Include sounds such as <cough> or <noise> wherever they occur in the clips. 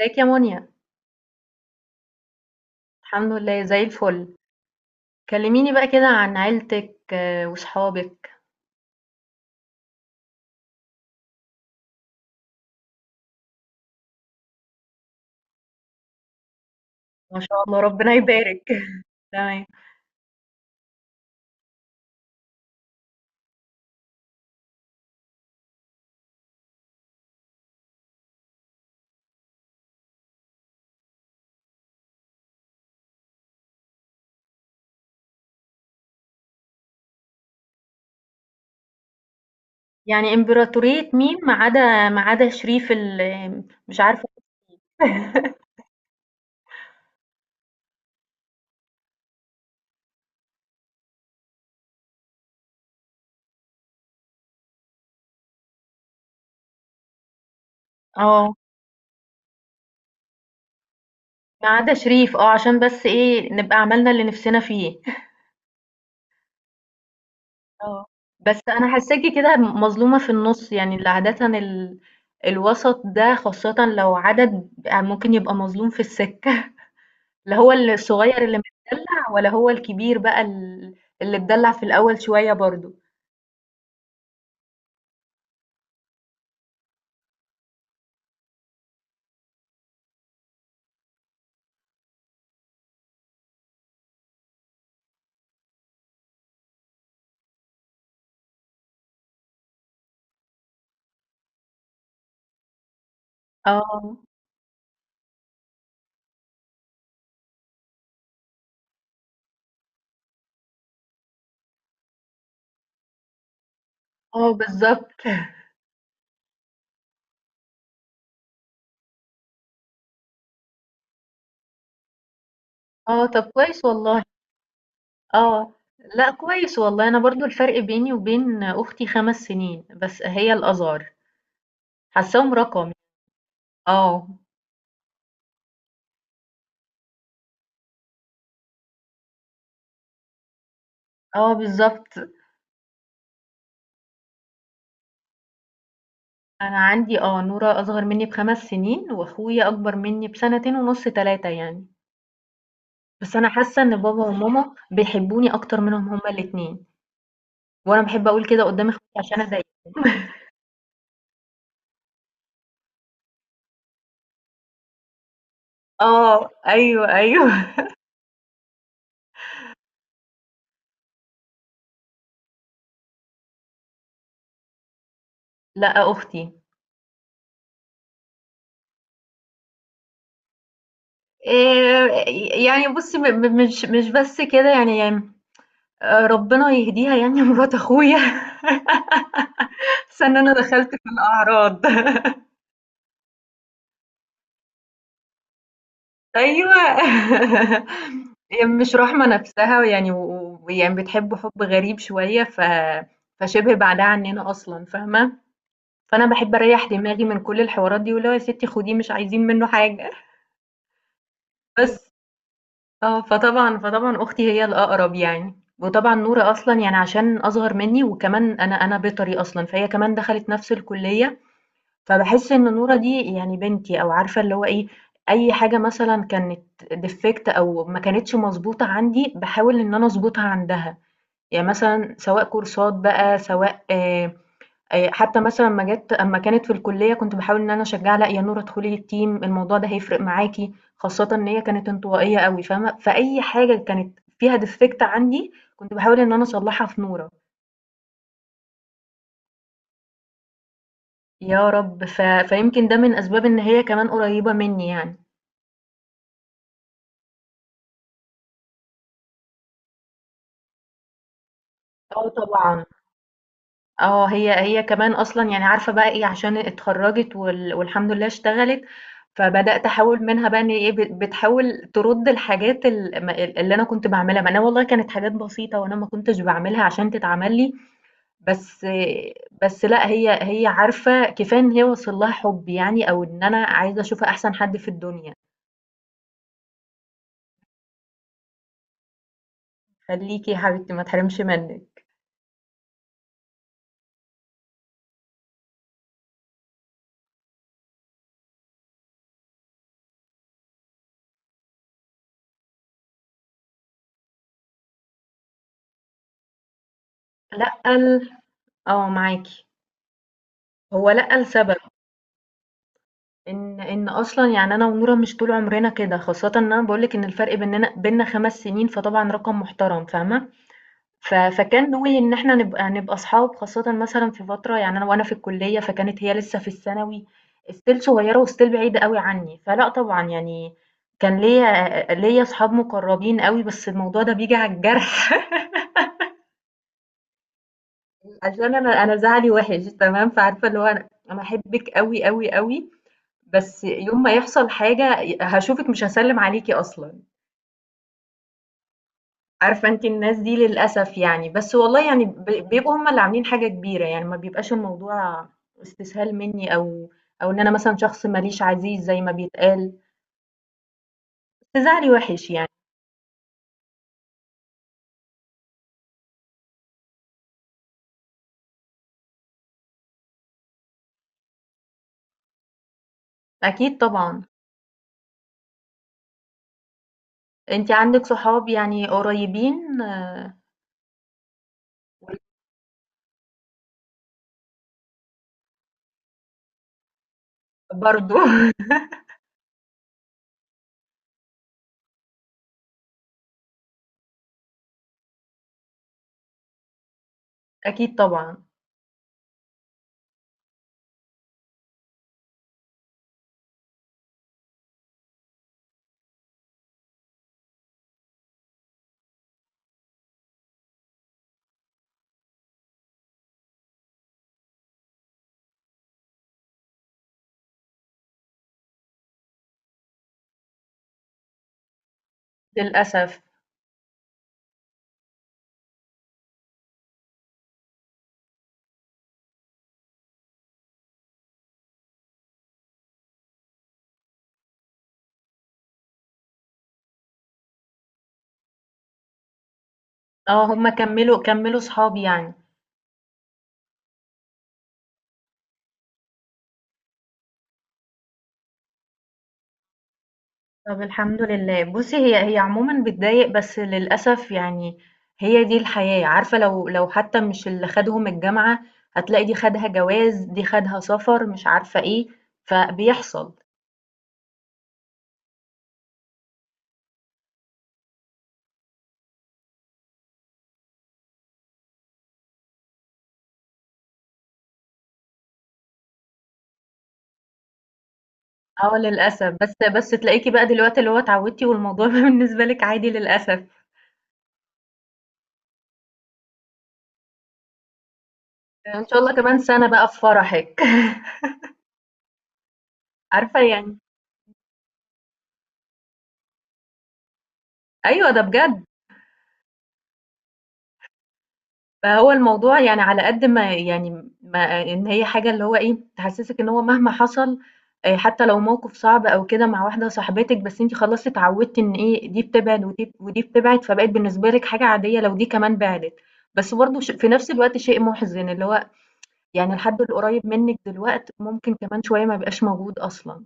ازيك يا منى؟ الحمد لله زي الفل. كلميني بقى كده عن عيلتك، وصحابك. ما شاء الله ربنا يبارك. <laughs> تمام. يعني امبراطورية مين، ما عدا شريف مش عارفة. <laughs> اه، ما عدا شريف. اه عشان بس ايه نبقى عملنا اللي نفسنا فيه. <laughs> اه. بس انا حاساكي كده مظلومة في النص، يعني اللي عادة الوسط ده، خاصة لو عدد ممكن يبقى مظلوم في السكة. لا هو الصغير اللي متدلع، ولا هو الكبير بقى اللي اتدلع في الأول شوية برضو. اه. اه بالظبط. <laughs> اه طب كويس والله. اه، لا كويس والله، انا برضو الفرق بيني وبين اختي 5 سنين، بس هي الازهر حاساهم رقم. اه. اه بالظبط. انا عندي، نورة اصغر مني ب5 سنين، واخويا اكبر مني بسنتين ونص، تلاتة يعني. بس انا حاسة ان بابا وماما بيحبوني اكتر منهم هما الاتنين. وأنا باحب أقول كده قدّام إخواتي عشان أضايقهم. <laughs> آه، أيوه، أيوه. لأ، أختي. آآ، يعني بُصّي، م م مش بس كده يعني. ربنا يهديها، يعني مرات أخويا. <laughs> حاسة إن أنا دخلت في الأعراض. <laughs> أيوه. <laughs> هي مش راحمة نفسها، ويعني بتحبه حُب غريب شوية، فشِبه بعيدة عننا أصلًا، فاهمة؟ فأنا باحب أريّح دماغي من كل الحوارات دي، واللي هو يا ستي خديه، مش عايزين منّه حاجة. <laughs> بس. اه، فطبعًا أختي هي الأقرب يعني، وطبعًا نورة أصلًا يعني عشان أصغر مني، وكمان أنا بيطري أصلًا، فهي كمان دخلت نفس الكلية، فباحس إن نورة دي يعني بنتي، أو عارفة اللي هو إيه، أي حاجة مثلًا كانت defect أو ما كانتش مضبوطة عندي باحاول إن أنا أضبطها عندها، يعني مثلًا سواء كورسات بقى، سواء، حتى مثلًا، أمّا كانت في الكلية كنت باحاول إن أنا أشجّعها، لأ يا نورة ادخلي الteam، الموضوع ده هيفرق معاكِ، خاصةً إن هي كانت انطوائية أوي، فاهمة؟ فأي حاجة كانت فيها defect عندي كنت باحاول إن أنا أصلّحها في نورة. يا رب. فيمكن ده من أسباب إن هي كمان قريبة منّي يعني. آه طبعًا. آه، هي كمان أصلًا يعني عارفة بقى إيه، عشان اتخرّجت، والحمد لله اشتغلت، فبدأت أحاول منها بقى إن إيه، بتحاول ترُد الحاجات ال م ال اللي أنا كنت باعملها، ما أنا والله كانت حاجات بسيطة، وأنا ما كنتش باعملها عشان تتعمل لي، بس. لأ، هي عارفة كفاية إن هي واصل لها حُبّي، يعني أو إن أنا عايزة أشوفها أحسن حد في الدنيا. خلّيكِ يا حبيبتي ما تحرمش منِّك. لأ، آه، معاكِ. هو لأ لسبب. إن أصلًا يعني أنا ونورا مش طول عمرنا كده، خاصةً إن أنا باقول لِك إن الفرق بيننا 5 سنين، فطبعًا رقم محترم، فاهمة؟ فكان نوي إن إحنا نبقى أصحاب، خاصةً مثلًا في فترة يعني أنا في الكلية، فكانت هي لسه في الثانوي، still صغيرة، وstill بعيدة أوي عني، فلأ طبعًا يعني كان ليّا أصحاب مقربين أوي، بس الموضوع ده بييجي على الجرح. <laughs> عشان أنا زعلي وِحِش تمام، فعارفة اللي هو أنا أحبِّك أوي، أوي، أوي، بس يوم ما يحصل حاجة هاشوفِك مش هاسلِّم عليكِ أصلًا، عارفة؟ أنتِ الناس دي للأسف يعني، بس والله يعني، بيبقوا هُم اللي عاملين حاجة كبيرة، يعني ما بيبقاش الموضوع استسهال منّي، أو إن أنا مثلًا شخص ما ليش عزيز زي ما بيتقال، بس زعلي وِحِش يعني. أكيد طبعًا. أنتِ عندِك صحاب يعني قريبين؟ برضه. <laughs> أكيد طبعًا. للأسف. آه، هُم كمّلوا صحاب يعني. طب الحمد لله. بُصّي هي عمومًا بتضايق، بس للأسف يعني هي دي الحياة، عارفة؟ لو حتى مش اللي خدهم الجامعة، هتلاقي دي خدها جواز، دي خدها سفر، مش عارفة إيه، فبيحصل. آه للأسف، بس تلاقيكِ بقى دلوقتي اللي هو اتعودتِ، والموضوع <laughs> بقى بالنسبة لِك عادي للأسف. يعني إن شاء الله كمان سنة بقى في فرحِك. <laughs> عارفة يعني. أيوه ده بجد. فهو الموضوع يعني، على قد ما يعني ما إن هي حاجة اللي هو إيه، تحسّسِك إن هو مهما حصل، حتى لو موقف صعب أو كده مع واحدة صاحبتِك، بس أنتِ خلاص اتعوّدتِ إن إيه، دي بتبعد ودي بتبعد، فبقت بالنسبة لِك حاجة عادية لو دي كمان بِعدِت. بس برضه في نفس الوقت شيء مُحزِن، اللي هو يعني الحد القريّب منِّك دلوقت ممكن كمان شوية ما يبقاش موجود أصلًا.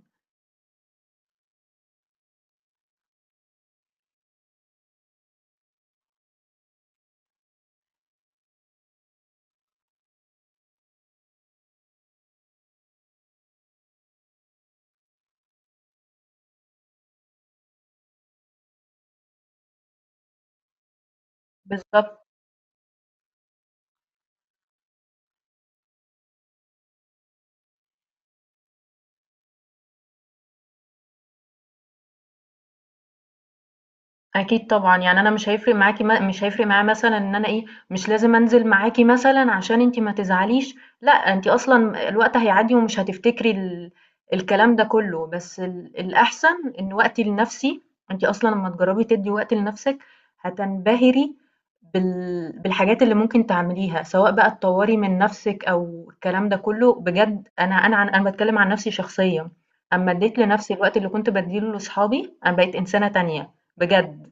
بالضبط. أكيد طبعًا، يعني أنا مش هيفرق معاكِ، مش هيفرق معايا، مثلًا إن أنا إيه، مش لازم أنزل معاكِ مثلًا عشان أنتِ ما تزعليش، لأ أنتِ أصلًا الوقت هيعدّي، ومش هتفتكري الكلام ده كله، بس الأحسن إن وقتي لنَفْسي. أنتِ أصلًا أمّا تجرّبي تدّي وقت لنَفْسِك هتنبهري بالحاجات اللي ممكن تعمليها، سواء بقى تطوّري من نَفْسِك أو الكلام ده كله، بجد أنا باتكلّم عن نَفْسي شخصيًا، أمّا ادّيت لنَفْسي الوقت اللي كنت بادّيه لأصحابي، أنا بقيت إنسانة تانية بجد.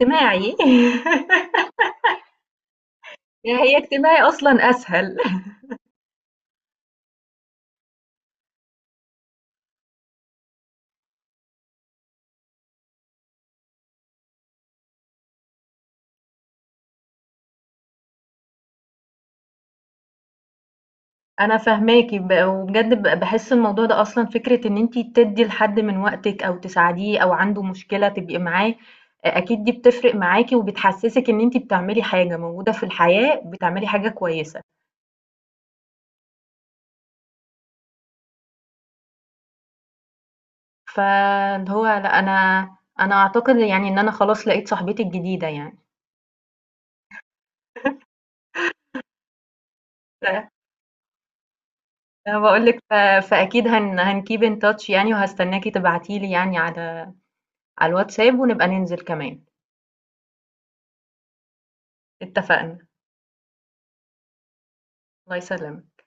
اجتماعي. <laughs> هي اجتماعي أصلًا أسهل. أنا فاهماكِ، وبجد باحس الموضوع ده أصلًا، فكرة إن أنتِ تدّي لحد من وقتِك أو تساعديه أو عنده مشكلة تبقي معاه، أكيد دي بتفرق معاكِ، وبتحسسِك إن أنتِ بتعملي حاجة موجودة في الحياة، بتعملي حاجة كويسة، فاللي هو لأ، أنا أعتقد يعني إن أنا خلاص لقيت صاحبتي الجديدة يعني. ف أنا باقول لِك، فأكيد هنkeep in touch يعني، وهاستناكِ تبعتي لي يعني على على الواتساب، ونبقى ننزل كمان. اتفقنا. الله يسلمك.